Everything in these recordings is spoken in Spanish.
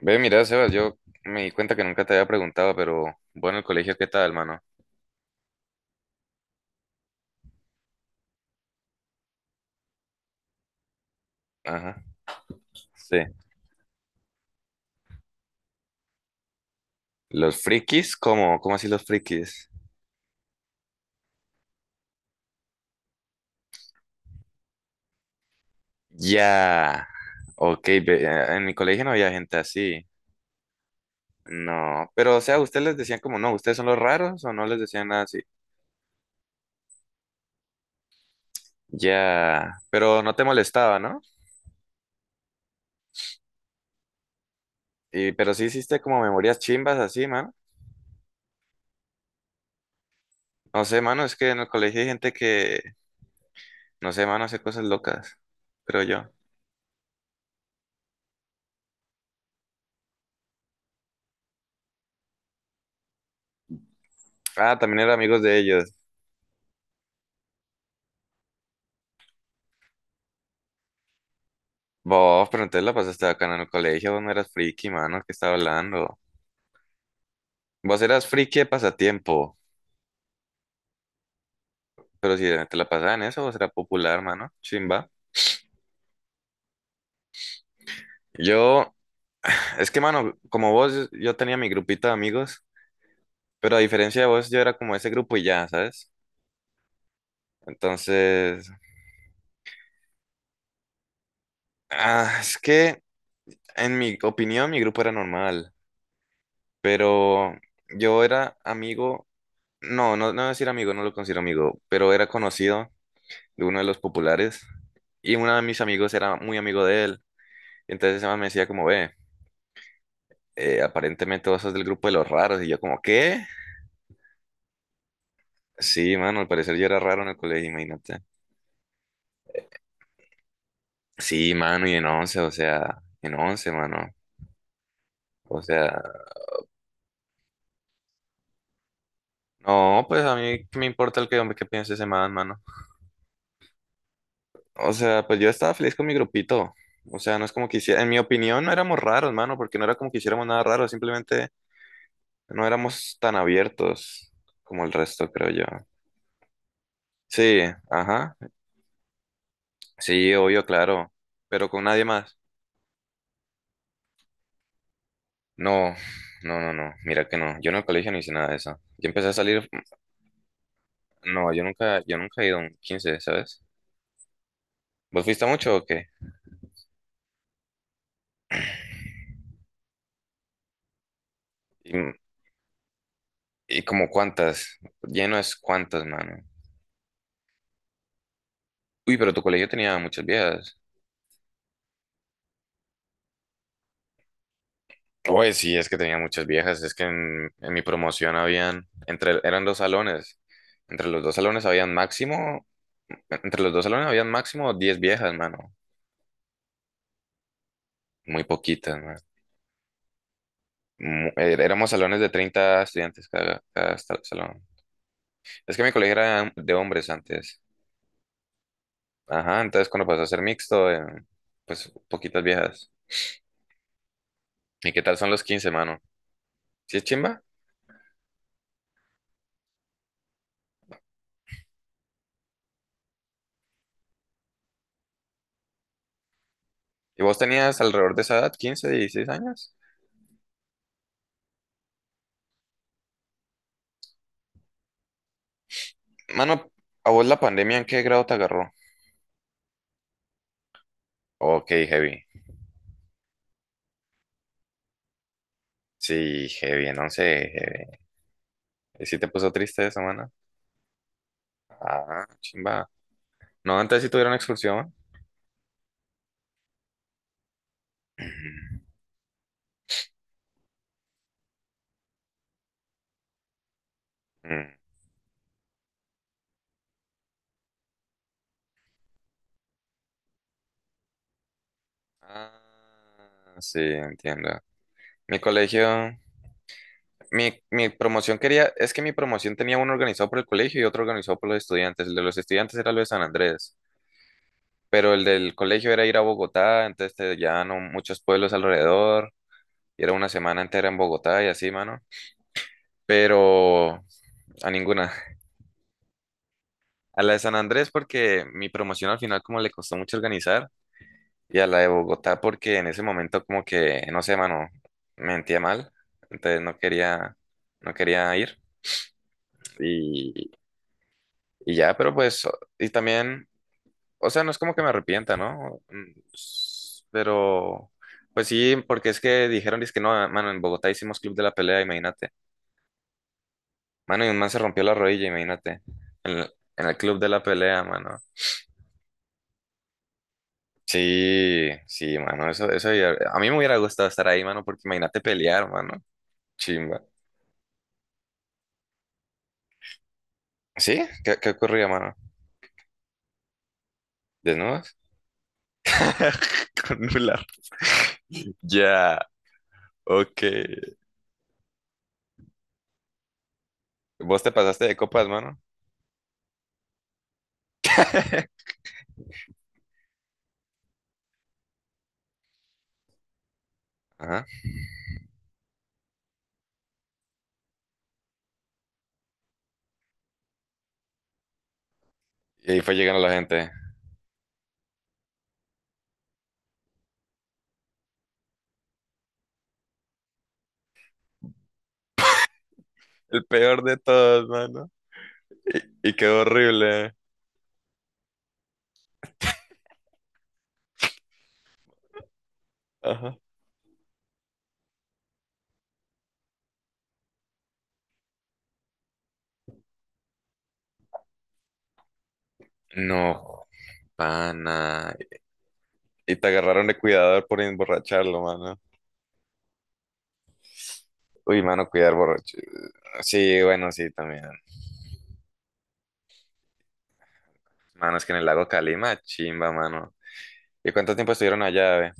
Ve, mira, Sebas, yo me di cuenta que nunca te había preguntado, pero bueno, el colegio, ¿qué tal, mano? Ajá, sí. ¿Los frikis? ¿Cómo? ¿Cómo así los frikis? Ya. Ok, ve, en mi colegio no había gente así. No, pero o sea, ¿ustedes les decían como no, ustedes son los raros o no les decían nada así? Ya, pero no te molestaba, ¿no? Y, pero sí hiciste como memorias chimbas así, mano. No sé, mano, es que en el colegio hay gente que, no sé, mano, hace cosas locas, creo yo. Ah, también era amigos de ellos. Vos, pero entonces la pasaste acá en el colegio, vos no eras friki, mano, ¿qué estaba hablando? Vos eras friki de pasatiempo, pero si te la pasaba en eso, vos eras popular, mano, chimba. Yo, es que, mano, como vos, yo tenía mi grupito de amigos, pero a diferencia de vos, yo era como ese grupo y ya, ¿sabes? Entonces, es que, en mi opinión, mi grupo era normal, pero yo era amigo, no, no, no decir amigo, no lo considero amigo, pero era conocido de uno de los populares. Y uno de mis amigos era muy amigo de él. Entonces ese man me decía como, ve, aparentemente vos sos del grupo de los raros. Y yo como, ¿qué? Sí, mano, al parecer yo era raro en el colegio, imagínate. Sí, mano, y en 11, o sea, en 11, mano. O sea, no, pues a mí qué me importa el que, hombre, qué piense ese man, mano. O sea, pues yo estaba feliz con mi grupito. O sea, no es como que hiciera, en mi opinión no éramos raros, mano, porque no era como que hiciéramos nada raro, simplemente no éramos tan abiertos como el resto, creo yo. Sí, ajá. Sí, obvio, claro. Pero con nadie más. No, no, no, no. Mira que no. Yo en el colegio no hice nada de eso. Yo empecé a salir. No, yo nunca he ido a un 15, ¿sabes? ¿Vos fuiste mucho o qué? Y, y como cuántas. Lleno es cuántas, mano. Uy, pero tu colegio tenía muchas viejas. Oye, sí, es que tenía muchas viejas. Es que en mi promoción habían, eran dos salones. Entre los dos salones habían máximo, Entre los dos salones habían máximo 10 viejas, mano. Muy poquitas. Éramos salones de 30 estudiantes cada salón. Es que mi colegio era de hombres antes. Ajá, entonces cuando pasó a ser mixto, pues poquitas viejas. ¿Y qué tal son los quince, mano? ¿Sí es chimba? ¿Y vos tenías alrededor de esa edad, quince, dieciséis años? Mano, ¿a vos la pandemia en qué grado te agarró? Ok, heavy. Sí, heavy, en 11, heavy. ¿Y sí te puso triste esa, mano? Ah, chimba. No, antes sí tuvieron expulsión. Ujú. Mm. Ah, sí, entiendo. Mi colegio, mi promoción quería, es que mi promoción tenía uno organizado por el colegio y otro organizado por los estudiantes. El de los estudiantes era lo de San Andrés, pero el del colegio era ir a Bogotá, entonces te llevaban a muchos pueblos alrededor, y era una semana entera en Bogotá y así, mano. Pero a ninguna. A la de San Andrés porque mi promoción al final como le costó mucho organizar, y a la de Bogotá porque en ese momento como que, no sé, mano, mentía mal, entonces no quería, ir. Y, Y ya, pero pues, y también, o sea, no es como que me arrepienta, ¿no? Pero, pues sí, porque es que dijeron, es que no, mano, en Bogotá hicimos club de la pelea, imagínate. Mano, y un man se rompió la rodilla, imagínate. En el club de la pelea, mano. Sí, sí, mano, eso, a mí me hubiera gustado estar ahí, mano, porque imagínate pelear, mano. Chimba. ¿Sí? ¿Qué ocurría, mano? ¿Desnudos? Con nular. Ya, ok. ¿Vos te pasaste de copas, mano? Ajá. Y ahí fue llegando la gente. El peor de todos, mano. Y quedó horrible. Ajá. No, pana. Y te agarraron de cuidador por emborracharlo, mano. Uy, mano, cuidar borracho. Sí, bueno, sí, también. Mano, es que en el lago Calima, chimba, mano. ¿Y cuánto tiempo estuvieron allá, ve?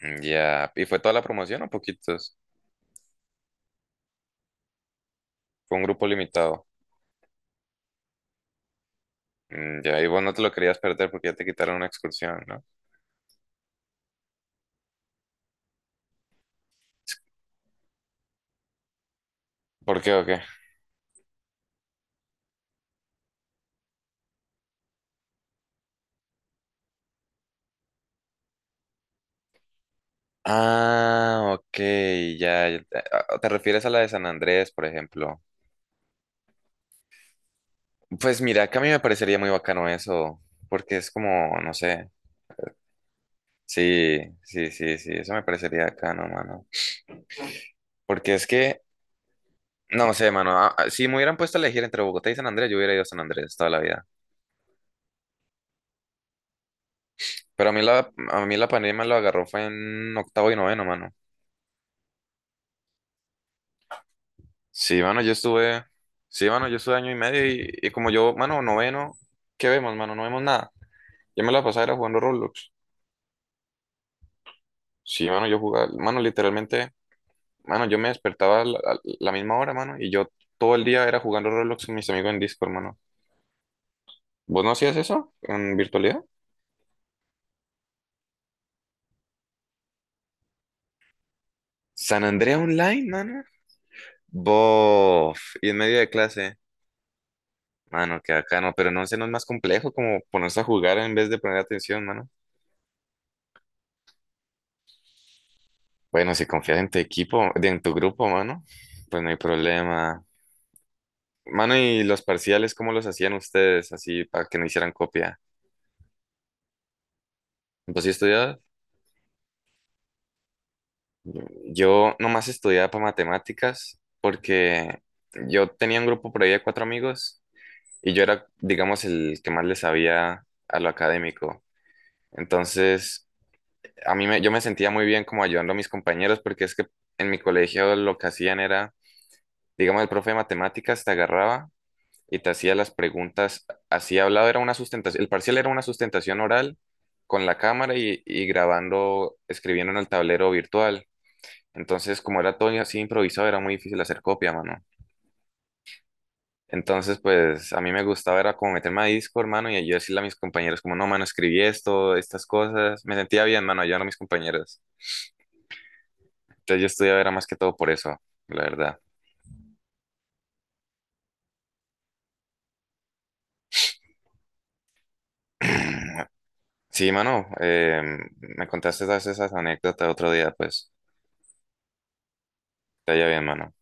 Mm, ya. ¿Y fue toda la promoción o poquitos? Fue un grupo limitado. Mm, ya, y vos no te lo querías perder porque ya te quitaron una excursión, ¿no? ¿Por qué o qué? Ah, ok, ya. ¿Te refieres a la de San Andrés, por ejemplo? Pues mira, que a mí me parecería muy bacano eso, porque es como, no sé, sí, sí, sí, sí, eso me parecería bacano, mano. Porque es que, no sé, mano, si me hubieran puesto a elegir entre Bogotá y San Andrés, yo hubiera ido a San Andrés toda la vida. Pero a mí la pandemia lo agarró fue en octavo y noveno, mano. Sí, mano, sí, mano, yo estuve año y medio y como yo, mano, noveno, ¿qué vemos, mano? No vemos nada. Yo me la pasaba era jugando Roblox. Sí, mano, yo jugaba, mano, literalmente, mano, yo me despertaba a la, misma hora, mano, y yo todo el día era jugando Roblox con mis amigos en Discord, mano. ¿Vos no hacías eso en virtualidad? San Andrea Online, mano. Bof, y en medio de clase, mano, que acá no, pero no sé, no es más complejo como ponerse a jugar en vez de poner atención, mano. Bueno, si confías en tu equipo, en tu grupo, mano, pues no hay problema. Mano, ¿y los parciales cómo los hacían ustedes así para que no hicieran copia? Pues sí estudiaba. Yo nomás estudiaba para matemáticas porque yo tenía un grupo por ahí de cuatro amigos y yo era, digamos, el que más le sabía a lo académico. Entonces, yo me sentía muy bien como ayudando a mis compañeros porque es que en mi colegio lo que hacían era, digamos, el profe de matemáticas te agarraba y te hacía las preguntas así hablado, era una sustentación, el parcial era una sustentación oral con la cámara y grabando, escribiendo en el tablero virtual. Entonces, como era todo así improvisado, era muy difícil hacer copia, mano. Entonces, pues a mí me gustaba, era como meterme a disco, hermano, y yo decirle a mis compañeros, como, no, mano, escribí esto, estas cosas. Me sentía bien, mano, ayudando a mis compañeros. Entonces, yo estudiaba era más que todo por eso, la verdad. Sí, mano, me contaste todas esas anécdotas otro día, pues, te haya bien, mano.